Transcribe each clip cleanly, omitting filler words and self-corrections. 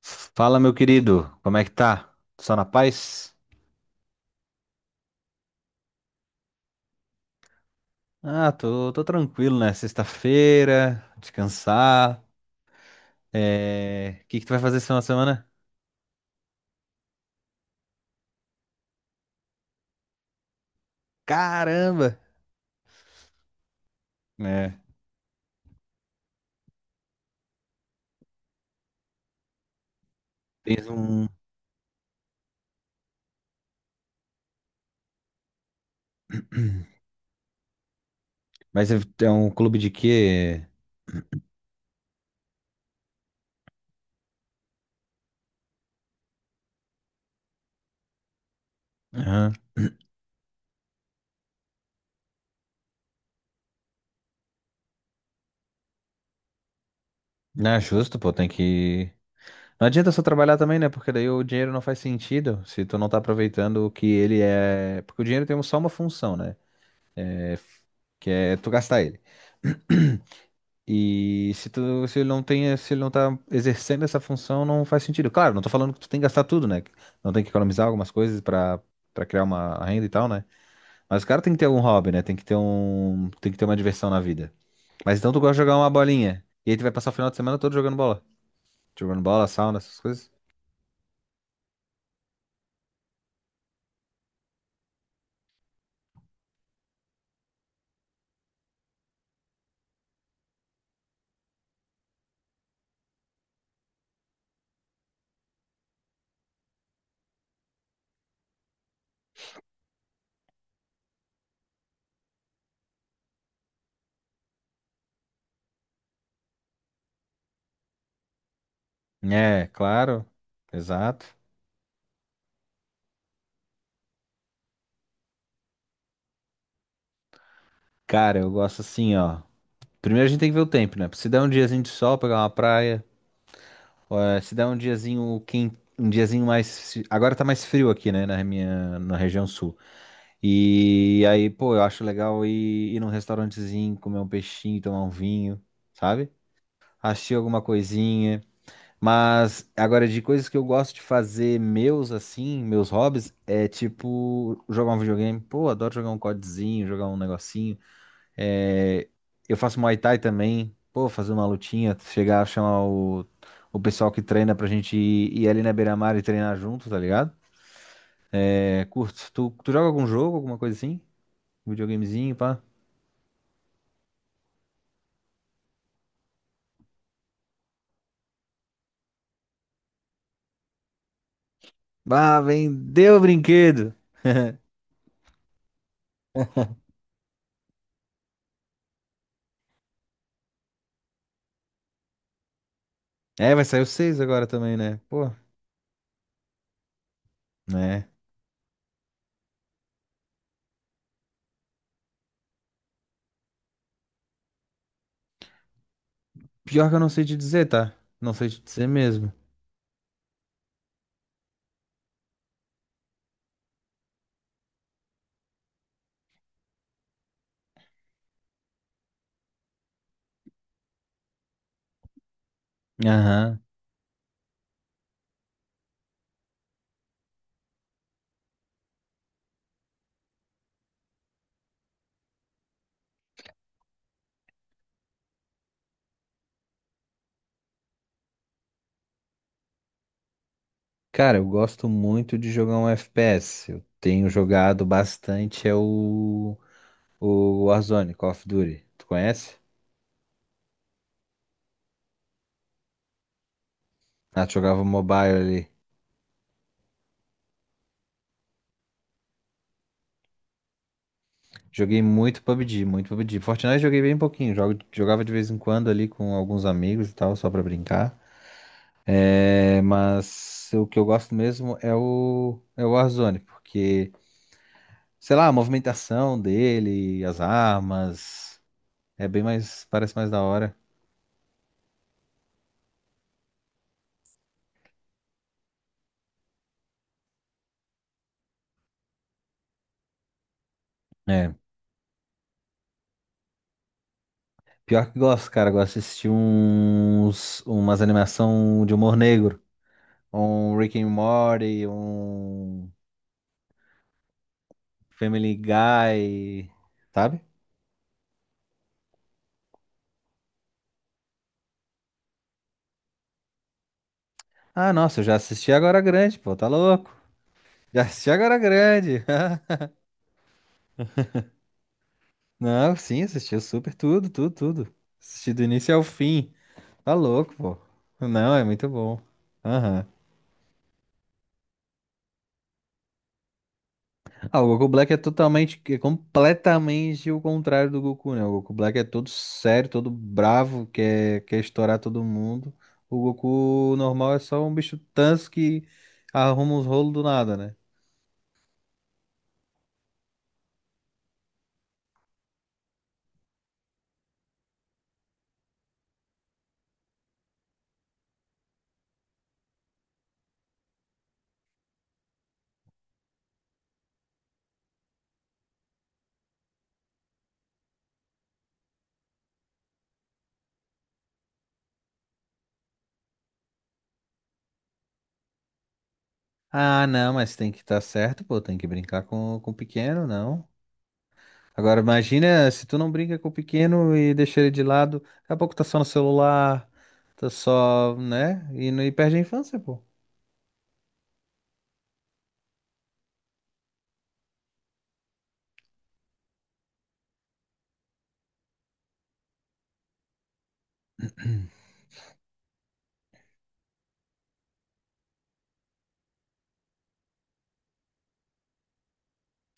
Fala, meu querido, como é que tá? Só na paz? Ah, tô tranquilo, né? Sexta-feira, descansar. É... O que que tu vai fazer esse final de semana? Caramba! É, tens um... Mas é um clube de quê? Aham. Não é justo, pô, tem que... Não adianta só trabalhar também, né? Porque daí o dinheiro não faz sentido se tu não tá aproveitando o que ele é... Porque o dinheiro tem só uma função, né? Que é tu gastar ele. E se tu, se ele não tem, se ele não tá exercendo essa função, não faz sentido. Claro, não tô falando que tu tem que gastar tudo, né? Não tem que economizar algumas coisas pra para criar uma renda e tal, né? Mas o cara tem que ter algum hobby, né? Tem que ter um, tem que ter uma diversão na vida. Mas então tu gosta de jogar uma bolinha. E aí tu vai passar o final de semana todo jogando bola. Jogando bola, sauna, essas coisas. É, claro. Exato. Cara, eu gosto assim, ó. Primeiro a gente tem que ver o tempo, né? Se der um diazinho de sol, pegar uma praia. Ó, é, se der um diazinho quem, um diazinho mais. Agora tá mais frio aqui, né? Na minha, na região sul. E aí, pô, eu acho legal ir, num restaurantezinho, comer um peixinho, tomar um vinho, sabe? Assistir alguma coisinha. Mas agora, de coisas que eu gosto de fazer, meus assim, meus hobbies, é tipo jogar um videogame. Pô, adoro jogar um CODzinho, jogar um negocinho. É, eu faço Muay Thai também. Pô, fazer uma lutinha, chegar a chamar o pessoal que treina pra gente ir, ali na beira-mar e treinar junto, tá ligado? É, curto. Tu joga algum jogo, alguma coisa assim? Um videogamezinho, pá. Ah, vendeu o brinquedo. É, vai sair o 6 agora também, né? Pô, né? Pior que eu não sei te dizer, tá? Não sei te dizer mesmo. Aham. Cara, eu gosto muito de jogar um FPS. Eu tenho jogado bastante, é o Warzone, Call of Duty. Tu conhece? Ah, tu jogava mobile ali. Joguei muito PUBG, muito PUBG. Fortnite joguei bem pouquinho. Jogo, jogava de vez em quando ali com alguns amigos e tal, só pra brincar. É, mas o que eu gosto mesmo é o Warzone, porque, sei lá, a movimentação dele, as armas, é bem mais, parece mais da hora. É. Pior que gosto, cara, gosto de assistir uns, umas animação de humor negro. Um Rick and Morty, um Family Guy, sabe? Ah, nossa, eu já assisti Agora Grande, pô, tá louco? Já assisti Agora Grande. Não, sim, assisti super tudo, tudo, tudo. Assisti do início ao fim. Tá louco, pô. Não, é muito bom. Aham. Ah, o Goku Black é totalmente, é completamente o contrário do Goku, né? O Goku Black é todo sério, todo bravo, quer estourar todo mundo. O Goku normal é só um bicho tanso que arruma uns rolos do nada, né? Ah, não, mas tem que estar certo, pô, tem que brincar com o pequeno, não. Agora imagina se tu não brinca com o pequeno e deixa ele de lado, daqui a pouco tá só no celular, tá só, né? E, não- e perde a infância, pô.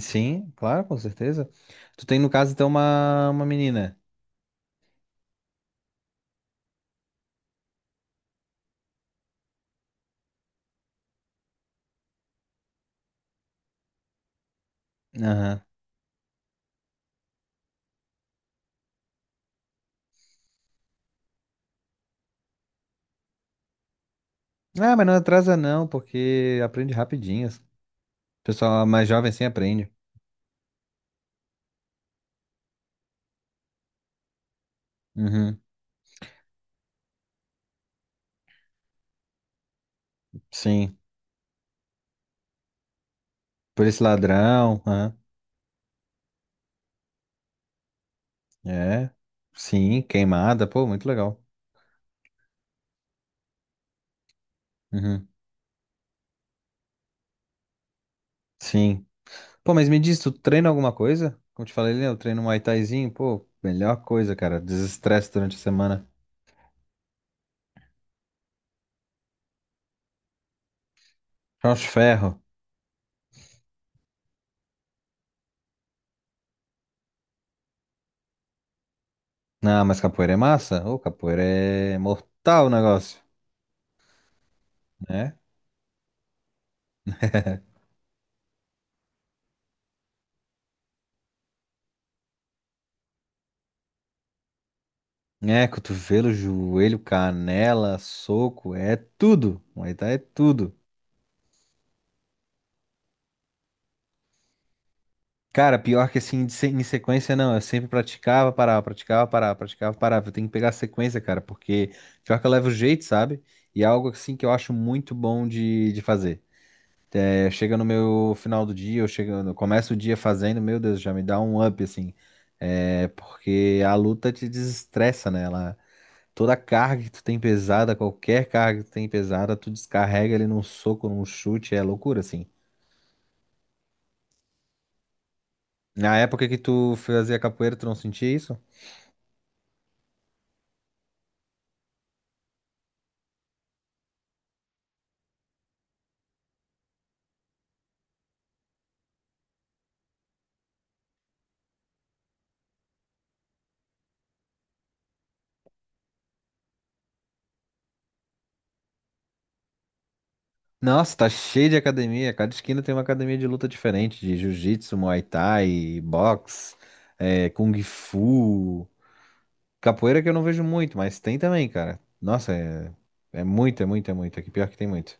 Sim, claro, com certeza. Tu tem, no caso, então, uma menina. Aham. Ah, mas não atrasa não, porque aprende rapidinho. O pessoal mais jovem assim aprende. Uhum. Sim. Por esse ladrão, aham. É. Sim, queimada, pô, muito legal. Uhum. Sim. Pô, mas me diz, tu treina alguma coisa? Como te falei, né, eu treino Muay Thaizinho, pô, melhor coisa, cara, desestresse durante a semana. Cross ferro. Ah, mas capoeira é massa? Ô, capoeira é mortal o negócio, né? É, cotovelo, joelho, canela, soco, é tudo. Muay Thai é tudo. Cara, pior que assim, de se- em sequência não, eu sempre praticava, parava, praticava, parava, praticava, parava. Eu tenho que pegar a sequência, cara, porque pior que eu levo jeito, sabe? E é algo assim que eu acho muito bom de fazer. É, chega no meu final do dia, eu chego, eu começo o dia fazendo, meu Deus, já me dá um up, assim. É, porque a luta te desestressa, né? Ela, toda a carga que tu tem pesada, qualquer carga que tu tem pesada, tu descarrega ele num soco, num chute, é loucura, assim. Na época que tu fazia capoeira, tu não sentia isso? Nossa, tá cheio de academia. Cada esquina tem uma academia de luta diferente, de jiu-jitsu, muay thai, boxe, é, kung fu. Capoeira que eu não vejo muito, mas tem também, cara. Nossa, é, é muito, é muito, é muito. Aqui pior que tem muito.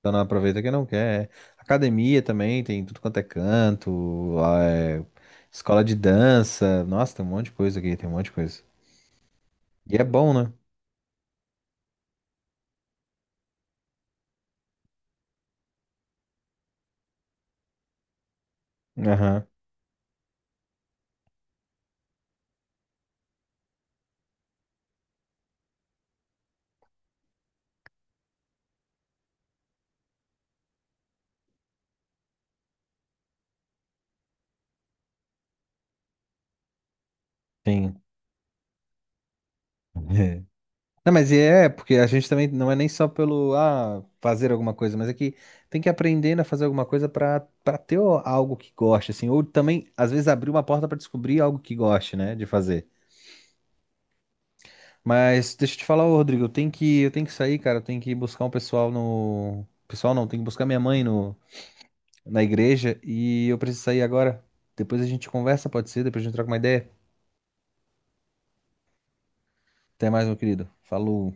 Então não aproveita quem não quer. É. Academia também, tem tudo quanto é canto, ah, é, escola de dança. Nossa, tem um monte de coisa aqui, tem um monte de coisa. E é bom, né? Aham, sim. Não, mas é, porque a gente também não é nem só pelo, ah, fazer alguma coisa, mas é que tem que aprender a fazer alguma coisa pra para ter o- algo que goste, assim, ou também, às vezes, abrir uma porta pra descobrir algo que goste, né, de fazer. Mas deixa eu te falar, ô, Rodrigo, eu tenho que sair, cara. Eu tenho que ir buscar um pessoal no. Pessoal não, tenho que buscar minha mãe no, na igreja e eu preciso sair agora. Depois a gente conversa, pode ser? Depois a gente troca uma ideia. Até mais, meu querido. Falou.